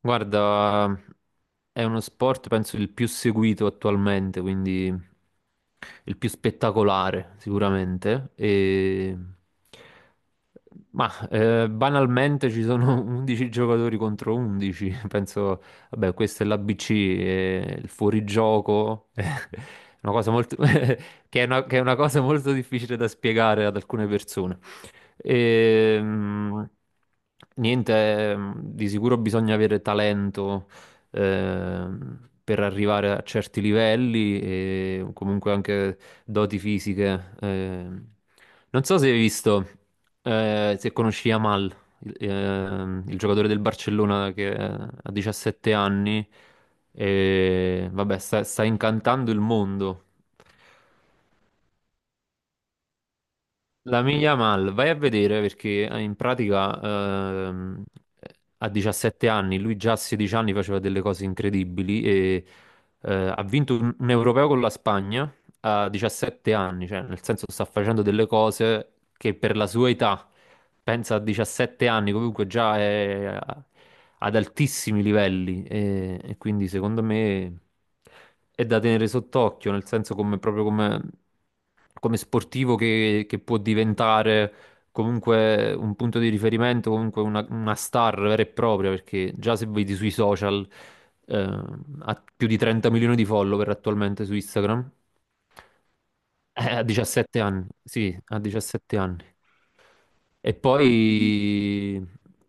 Guarda, è uno sport penso il più seguito attualmente, quindi il più spettacolare sicuramente. Ma banalmente ci sono 11 giocatori contro 11, penso. Vabbè, questo è l'ABC, è il fuorigioco, è una cosa molto che è una cosa molto difficile da spiegare ad alcune persone. E, niente, di sicuro bisogna avere talento, per arrivare a certi livelli e comunque anche doti fisiche. Non so se hai visto, se conosci Yamal, il giocatore del Barcellona che ha 17 anni e vabbè, sta incantando il mondo. La Miglia Mal, vai a vedere perché in pratica, a 17 anni, lui già a 16 anni faceva delle cose incredibili e ha vinto un europeo con la Spagna a 17 anni, cioè nel senso sta facendo delle cose che per la sua età, pensa, a 17 anni comunque già è ad altissimi livelli, e quindi secondo me è da tenere sott'occhio, nel senso come proprio come sportivo che può diventare comunque un punto di riferimento, comunque una star vera e propria, perché già se vedi sui social, eh, ha più di 30 milioni di follower attualmente su Instagram. A 17 anni, sì, a 17 anni. E poi,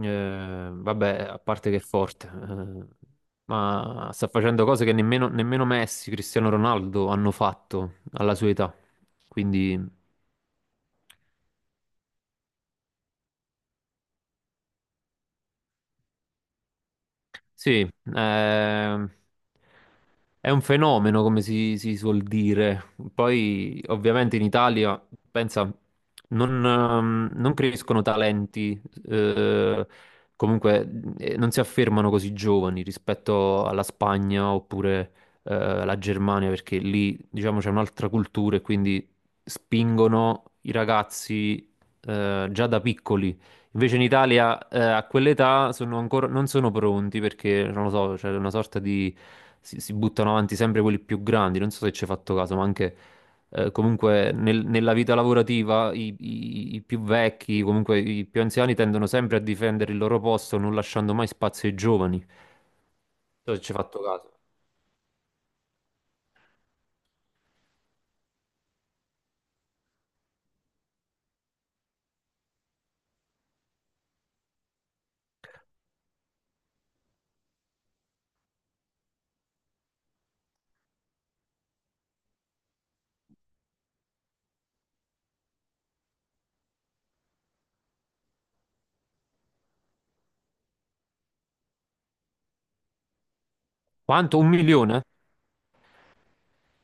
vabbè, a parte che è forte, ma sta facendo cose che nemmeno Messi, Cristiano Ronaldo hanno fatto alla sua età. Quindi... Sì. ehm, È un fenomeno, come si suol dire. Poi, ovviamente, in Italia, pensa, non crescono talenti, eh, comunque non si affermano così giovani rispetto alla Spagna oppure alla Germania, perché lì, diciamo, c'è un'altra cultura e quindi spingono i ragazzi già da piccoli. Invece in Italia, a quell'età sono ancora, non sono pronti perché, non lo so, c'è una sorta di. Si buttano avanti sempre quelli più grandi. Non so se ci hai fatto caso, ma anche comunque nella vita lavorativa i più vecchi, comunque i più anziani tendono sempre a difendere il loro posto, non lasciando mai spazio ai giovani. Non so se ci hai fatto caso. Quanto? Un milione?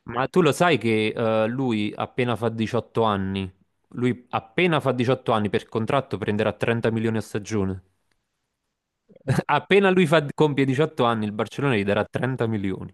Ma tu lo sai che, lui appena fa 18 anni, lui appena fa 18 anni per contratto prenderà 30 milioni a stagione? Appena lui compie 18 anni, il Barcellona gli darà 30 milioni.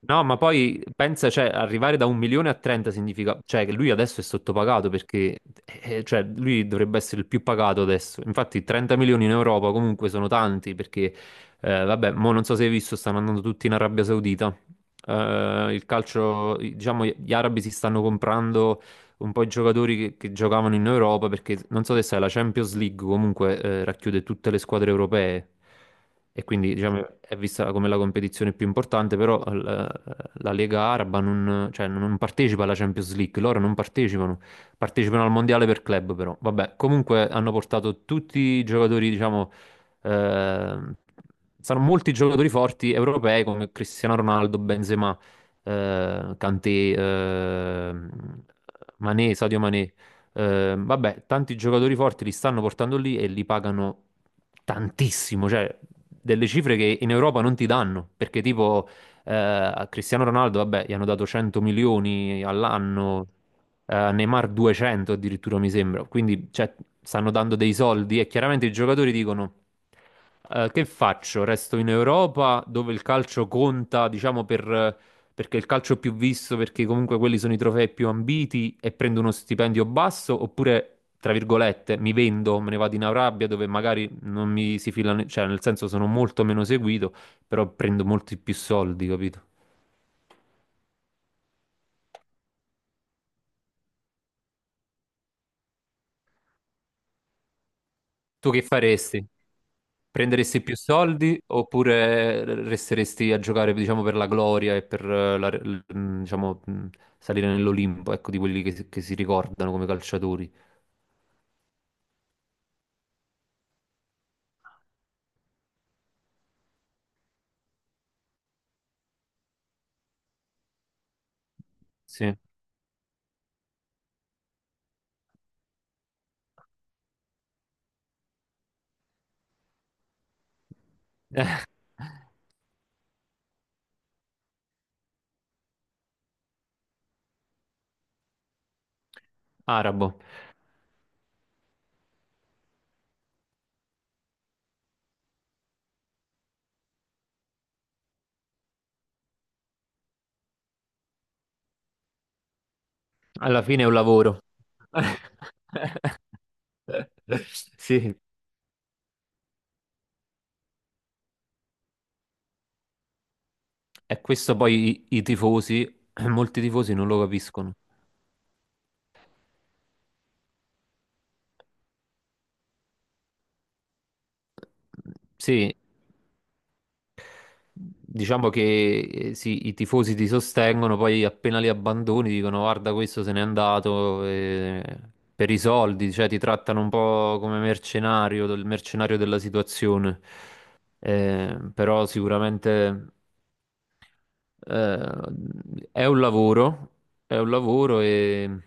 No, ma poi pensa, cioè, arrivare da un milione a 30 significa, cioè, che lui adesso è sottopagato, perché, cioè, lui dovrebbe essere il più pagato adesso. Infatti, 30 milioni in Europa comunque sono tanti, perché, vabbè, mo non so se hai visto, stanno andando tutti in Arabia Saudita. Il calcio, diciamo, gli arabi si stanno comprando un po' i giocatori che giocavano in Europa, perché non so se sai, la Champions League comunque racchiude tutte le squadre europee e quindi, diciamo, è vista come la competizione più importante, però la Lega Araba non, cioè, non partecipa alla Champions League, loro non partecipano, partecipano al Mondiale per club però. Vabbè, comunque hanno portato tutti i giocatori, diciamo, eh, sono molti giocatori forti europei come Cristiano Ronaldo, Benzema, Kanté, Mané, Sadio Mané. Vabbè, tanti giocatori forti li stanno portando lì e li pagano tantissimo, cioè delle cifre che in Europa non ti danno, perché tipo, a Cristiano Ronaldo, vabbè, gli hanno dato 100 milioni all'anno, a Neymar 200 addirittura mi sembra. Quindi, cioè, stanno dando dei soldi, e chiaramente i giocatori dicono, che faccio? Resto in Europa dove il calcio conta, diciamo, perché il calcio più visto, perché comunque quelli sono i trofei più ambiti e prendo uno stipendio basso, oppure, tra virgolette, mi vendo, me ne vado in Arabia dove magari non mi si filano, cioè nel senso sono molto meno seguito, però prendo molti più soldi, capito? Tu che faresti? Prenderesti più soldi oppure resteresti a giocare, diciamo, per la gloria e per, diciamo, salire nell'Olimpo, ecco, di quelli che si ricordano come calciatori? Sì. Arabo. Alla fine è un lavoro. Sì, e questo poi i tifosi, molti tifosi non lo capiscono. Sì, diciamo che, sì, i tifosi ti sostengono, poi appena li abbandoni dicono guarda questo se n'è andato, per i soldi, cioè ti trattano un po' come mercenario, del mercenario della situazione. Però sicuramente, eh, è un lavoro, è un lavoro.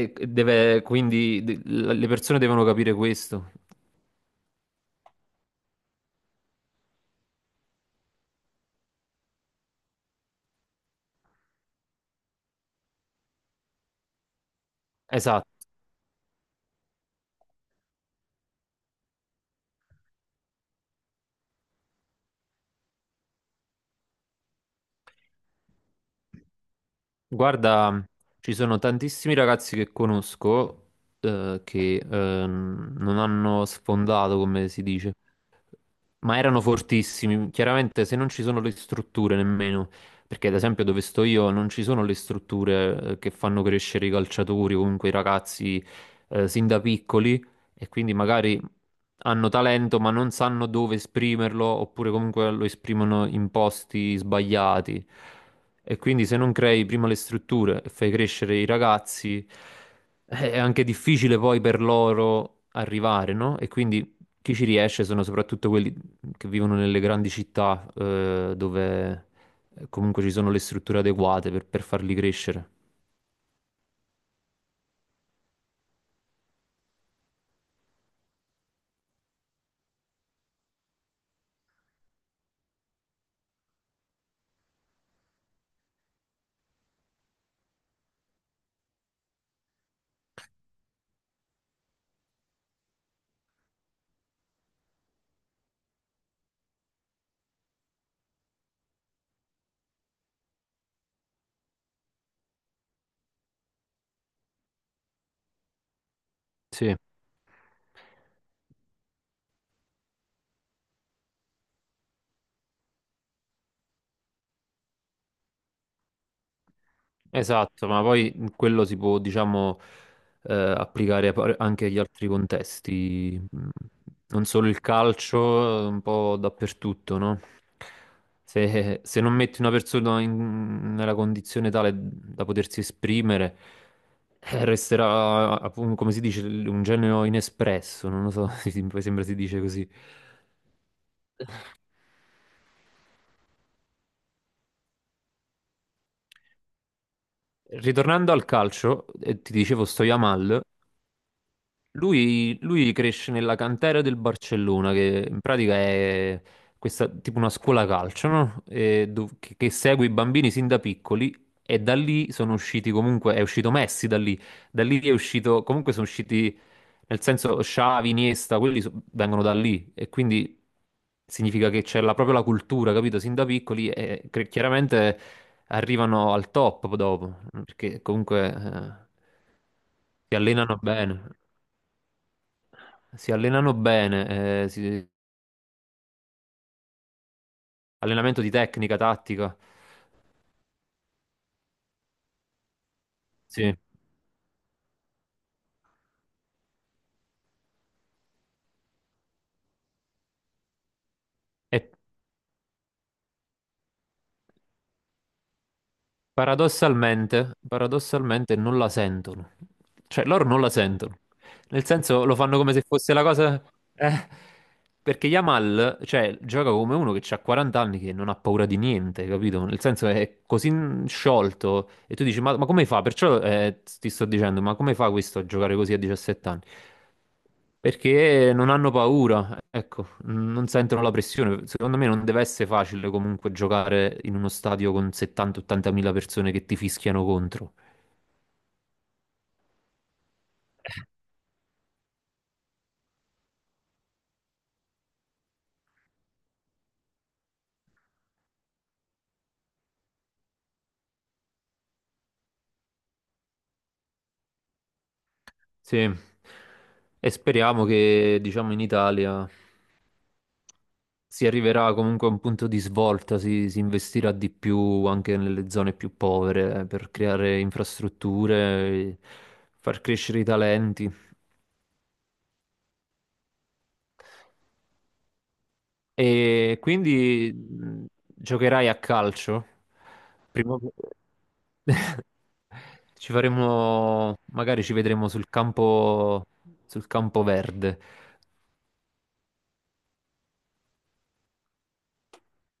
Le persone devono capire questo. Esatto. Guarda, ci sono tantissimi ragazzi che conosco, che non hanno sfondato, come si dice. Ma erano fortissimi, chiaramente se non ci sono le strutture nemmeno, perché ad esempio dove sto io non ci sono le strutture che fanno crescere i calciatori o comunque i ragazzi sin da piccoli, e quindi magari hanno talento ma non sanno dove esprimerlo oppure comunque lo esprimono in posti sbagliati. E quindi se non crei prima le strutture e fai crescere i ragazzi, è anche difficile poi per loro arrivare, no? E quindi chi ci riesce sono soprattutto quelli che vivono nelle grandi città, dove comunque ci sono le strutture adeguate per farli crescere. Sì. Esatto, ma poi quello si può, diciamo, applicare a anche agli altri contesti. Non solo il calcio, un po' dappertutto, no? Se non metti una persona nella condizione tale da potersi esprimere, resterà, appunto, come si dice, un genio inespresso, non lo so, mi sembra si dice così. Ritornando al calcio, ti dicevo, Stojamal. Lui cresce nella cantera del Barcellona, che in pratica è questa, tipo una scuola calcio, no? E che segue i bambini sin da piccoli e da lì sono usciti comunque, è uscito Messi da lì è uscito, comunque sono usciti, nel senso Xavi, Iniesta, quelli vengono da lì, e quindi significa che c'è proprio la cultura, capito? Sin da piccoli, e chiaramente arrivano al top dopo, perché comunque si allenano bene. Si allenano bene, allenamento di tecnica, tattica. Sì. E paradossalmente, paradossalmente non la sentono. Cioè, loro non la sentono. Nel senso, lo fanno come se fosse la cosa. eh, Perché Yamal, cioè, gioca come uno che ha 40 anni, che non ha paura di niente, capito? Nel senso, è così sciolto. E tu dici, ma come fa? Perciò, ti sto dicendo, ma come fa questo a giocare così a 17 anni? Perché non hanno paura, ecco, non sentono la pressione. Secondo me non deve essere facile comunque giocare in uno stadio con 70-80 mila persone che ti fischiano contro. Sì, e speriamo che, diciamo, in Italia si arriverà comunque a un punto di svolta, si investirà di più anche nelle zone più povere, per creare infrastrutture, far crescere i talenti. E quindi, giocherai a calcio? Prima o poi ci faremo, magari ci vedremo sul campo verde.